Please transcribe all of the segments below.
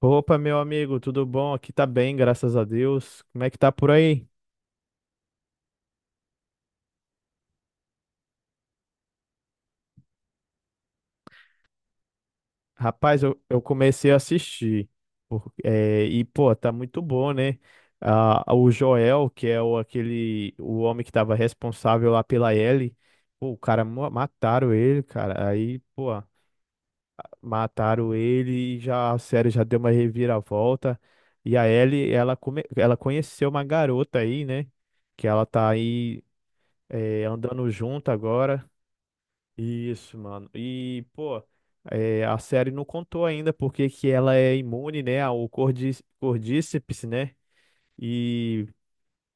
Opa, meu amigo, tudo bom? Aqui tá bem, graças a Deus. Como é que tá por aí? Rapaz, eu comecei a assistir. Pô, tá muito bom, né? Ah, o Joel, que é o, aquele, o homem que tava responsável lá pela Ellie, pô, o cara, mataram ele, cara. Aí, pô, mataram ele e já, a série já deu uma reviravolta. E a Ellie, ela ela conheceu uma garota aí, né? Que ela tá aí, é, andando junto agora. Isso, mano. E, pô, é, a série não contou ainda porque que ela é imune, né, ao cordíceps, né? E,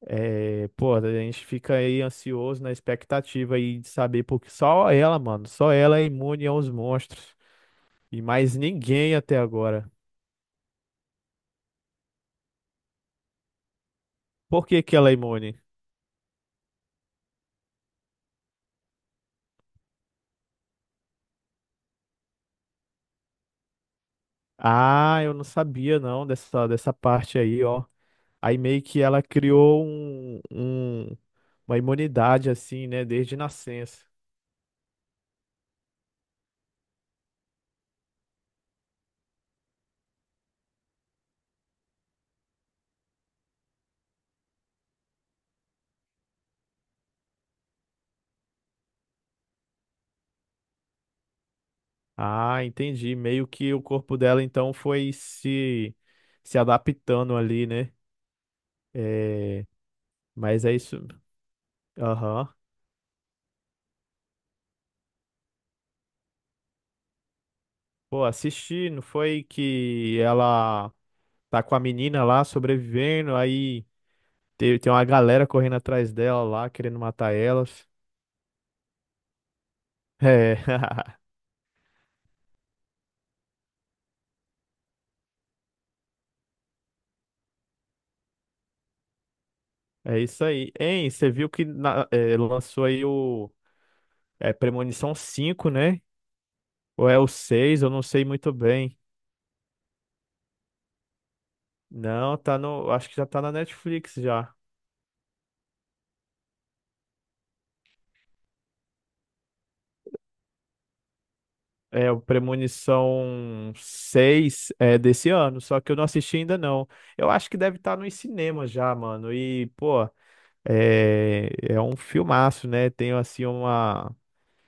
é, pô, a gente fica aí ansioso na expectativa aí de saber, porque só ela, mano, só ela é imune aos monstros. E mais ninguém até agora. Por que que ela é imune? Ah, eu não sabia, não, dessa parte aí, ó. Aí meio que ela criou uma imunidade, assim, né, desde nascença. Ah, entendi. Meio que o corpo dela então foi se adaptando ali, né? É, mas é isso. Aham. Pô, assisti, não foi que ela tá com a menina lá sobrevivendo, aí tem uma galera correndo atrás dela lá, querendo matar elas. É, é isso aí. Hein, você viu que lançou aí o Premonição cinco, né? Ou é o 6? Eu não sei muito bem. Não, tá no. Acho que já tá na Netflix já. É, o Premonição seis é desse ano, só que eu não assisti ainda não. Eu acho que deve estar nos cinemas já, mano. E, pô, é, é um filmaço, né? Tem, assim,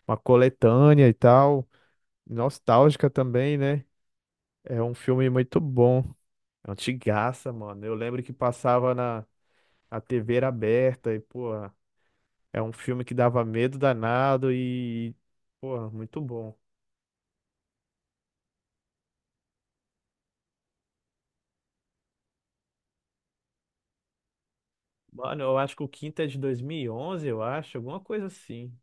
uma coletânea e tal, nostálgica também, né? É um filme muito bom. É antigaça, mano. Eu lembro que passava na TV era aberta e, pô, é um filme que dava medo danado e pô, muito bom. Mano, eu acho que o quinto é de 2011, eu acho, alguma coisa assim.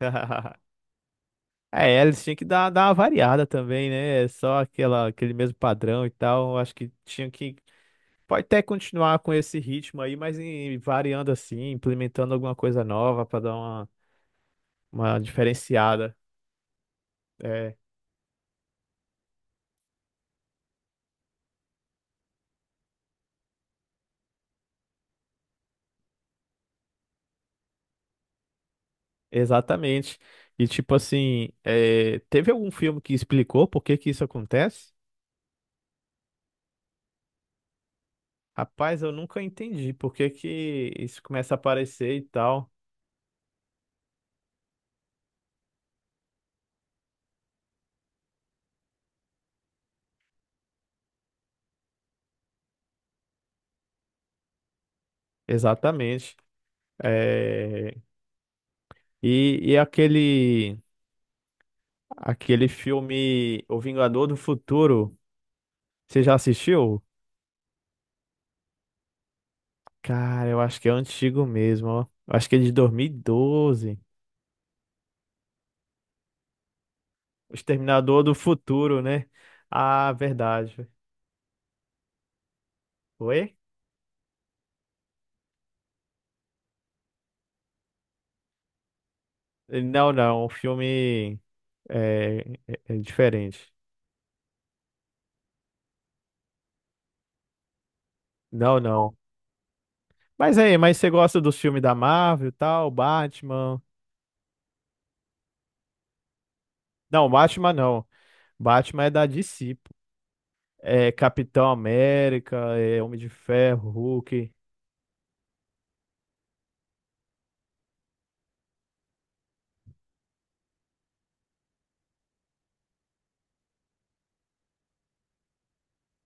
É, eles tinham que dar uma variada também, né? É só aquela, aquele mesmo padrão e tal. Eu acho que tinha que. Pode até continuar com esse ritmo aí, mas variando assim, implementando alguma coisa nova pra dar uma diferenciada. É, exatamente. E tipo assim, é, teve algum filme que explicou por que que isso acontece? Rapaz, eu nunca entendi por que que isso começa a aparecer e tal. Exatamente. É, e aquele aquele filme O Vingador do Futuro, você já assistiu? Cara, eu acho que é antigo mesmo, ó. Eu acho que é de 2012. O Exterminador do Futuro, né? Ah, verdade. Oi? Não, não, o filme é, é diferente. Não, não. Mas aí, mas você gosta dos filmes da Marvel e tal, Batman? Não, Batman não. Batman é da DC. É, Capitão América, é, Homem de Ferro, Hulk,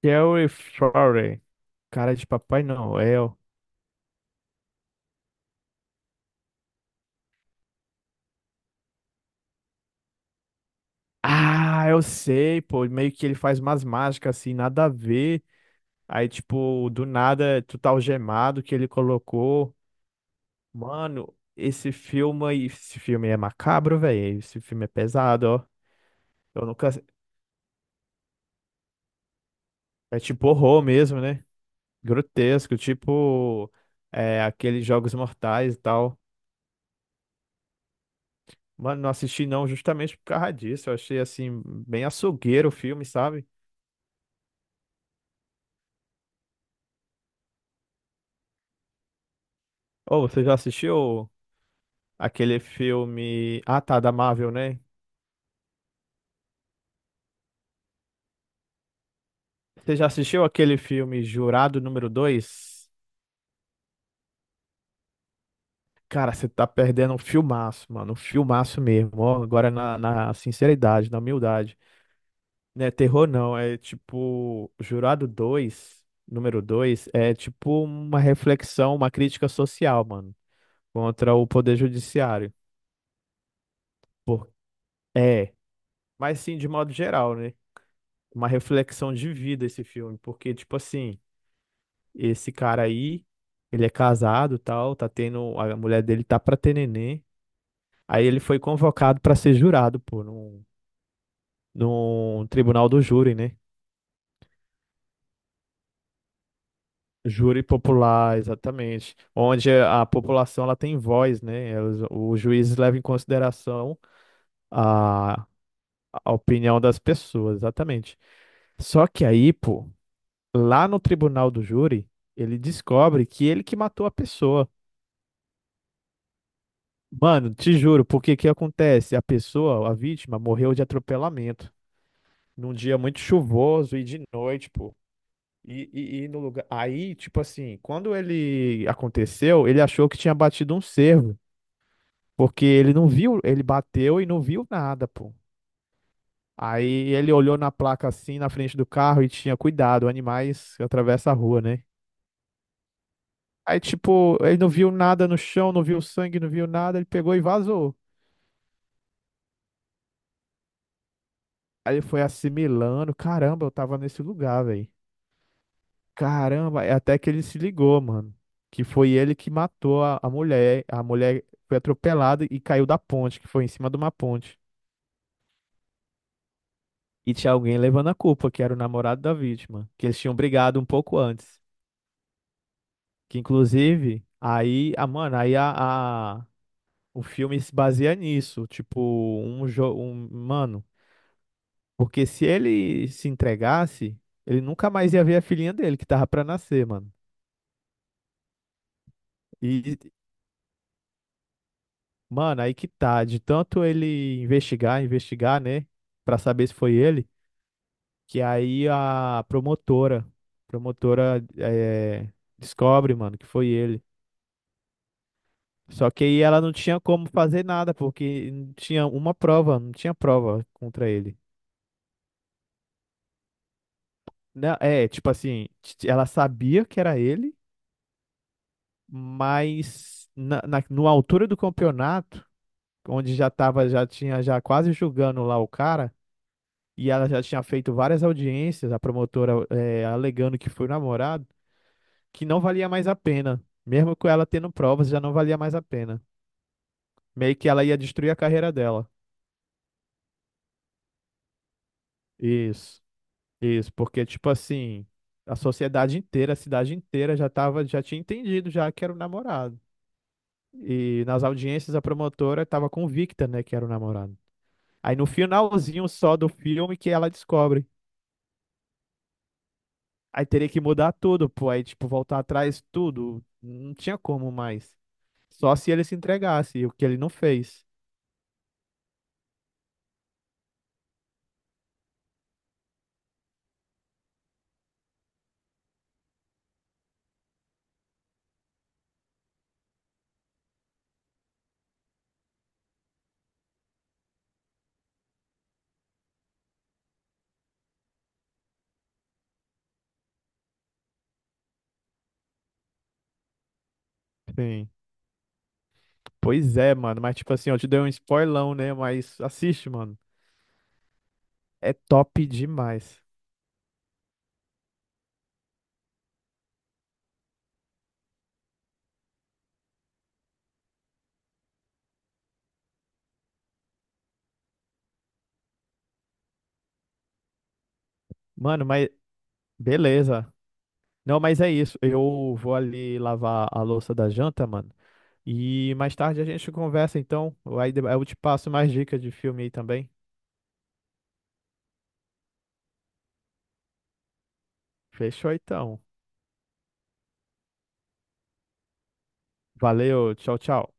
Terry Fury, cara de Papai Noel. Ah, eu sei, pô, meio que ele faz umas mágicas assim, nada a ver. Aí, tipo, do nada, tu tá algemado que ele colocou. Mano, esse filme é macabro, velho. Esse filme é pesado, ó. Eu nunca. É tipo horror mesmo, né? Grotesco, tipo, é, aqueles Jogos Mortais e tal. Mano, não assisti não, justamente por causa disso. Eu achei, assim, bem açougueiro o filme, sabe? Ô, você já assistiu aquele filme... Ah, tá, da Marvel, né? Você já assistiu aquele filme Jurado número dois? Cara, você tá perdendo um filmaço, mano. Um filmaço mesmo. Ó, agora na sinceridade, na humildade. Não é terror, não. É tipo... Jurado 2 número 2 é tipo uma reflexão, uma crítica social, mano. Contra o poder judiciário. Por... É. Mas sim, de modo geral, né? Uma reflexão de vida esse filme, porque, tipo assim, esse cara aí, ele é casado, tal, tá tendo, a mulher dele tá pra ter neném. Aí ele foi convocado pra ser jurado, pô, num tribunal do júri, né? Júri popular, exatamente. Onde a população ela tem voz, né? É, os juízes levam em consideração a, a opinião das pessoas, exatamente. Só que aí, pô, lá no tribunal do júri, ele descobre que ele que matou a pessoa. Mano, te juro, porque que acontece? A pessoa, a vítima, morreu de atropelamento num dia muito chuvoso e de noite, pô. E no lugar. Aí, tipo assim, quando ele aconteceu, ele achou que tinha batido um cervo, porque ele não viu, ele bateu e não viu nada, pô. Aí ele olhou na placa assim, na frente do carro e tinha cuidado, animais atravessam a rua, né? Aí, tipo, ele não viu nada no chão, não viu sangue, não viu nada, ele pegou e vazou. Aí ele foi assimilando, caramba, eu tava nesse lugar, velho. Caramba, é até que ele se ligou, mano. Que foi ele que matou a mulher. A mulher foi atropelada e caiu da ponte, que foi em cima de uma ponte. E tinha alguém levando a culpa, que era o namorado da vítima, que eles tinham brigado um pouco antes. Que inclusive, aí, a, mano, aí a- o filme se baseia nisso. Tipo, um jogo. Um, mano. Porque se ele se entregasse, ele nunca mais ia ver a filhinha dele que tava pra nascer, mano. E, mano, aí que tá, de tanto ele investigar, investigar, né, pra saber se foi ele, que aí a promotora, promotora descobre, mano, que foi ele. Só que aí ela não tinha como fazer nada, porque não tinha uma prova, não tinha prova contra ele. Não, é, tipo assim, ela sabia que era ele, mas na altura do campeonato onde já tava, já tinha já quase julgando lá o cara, e ela já tinha feito várias audiências, a promotora alegando que foi namorado, que não valia mais a pena. Mesmo com ela tendo provas, já não valia mais a pena. Meio que ela ia destruir a carreira dela. Isso, isso, porque tipo assim, a sociedade inteira, a cidade inteira já tava, já tinha entendido já que era o namorado. E nas audiências a promotora estava convicta, né, que era o namorado. Aí no finalzinho só do filme que ela descobre. Aí teria que mudar tudo, pô. Aí, tipo, voltar atrás, tudo. Não tinha como mais. Só se ele se entregasse, o que ele não fez. Sim. Pois é, mano. Mas, tipo assim, eu te dei um spoilão, né? Mas assiste, mano. É top demais. Mano, mas beleza. Não, mas é isso. Eu vou ali lavar a louça da janta, mano. E mais tarde a gente conversa, então. Eu te passo mais dicas de filme aí também. Fechou, então. Valeu. Tchau, tchau.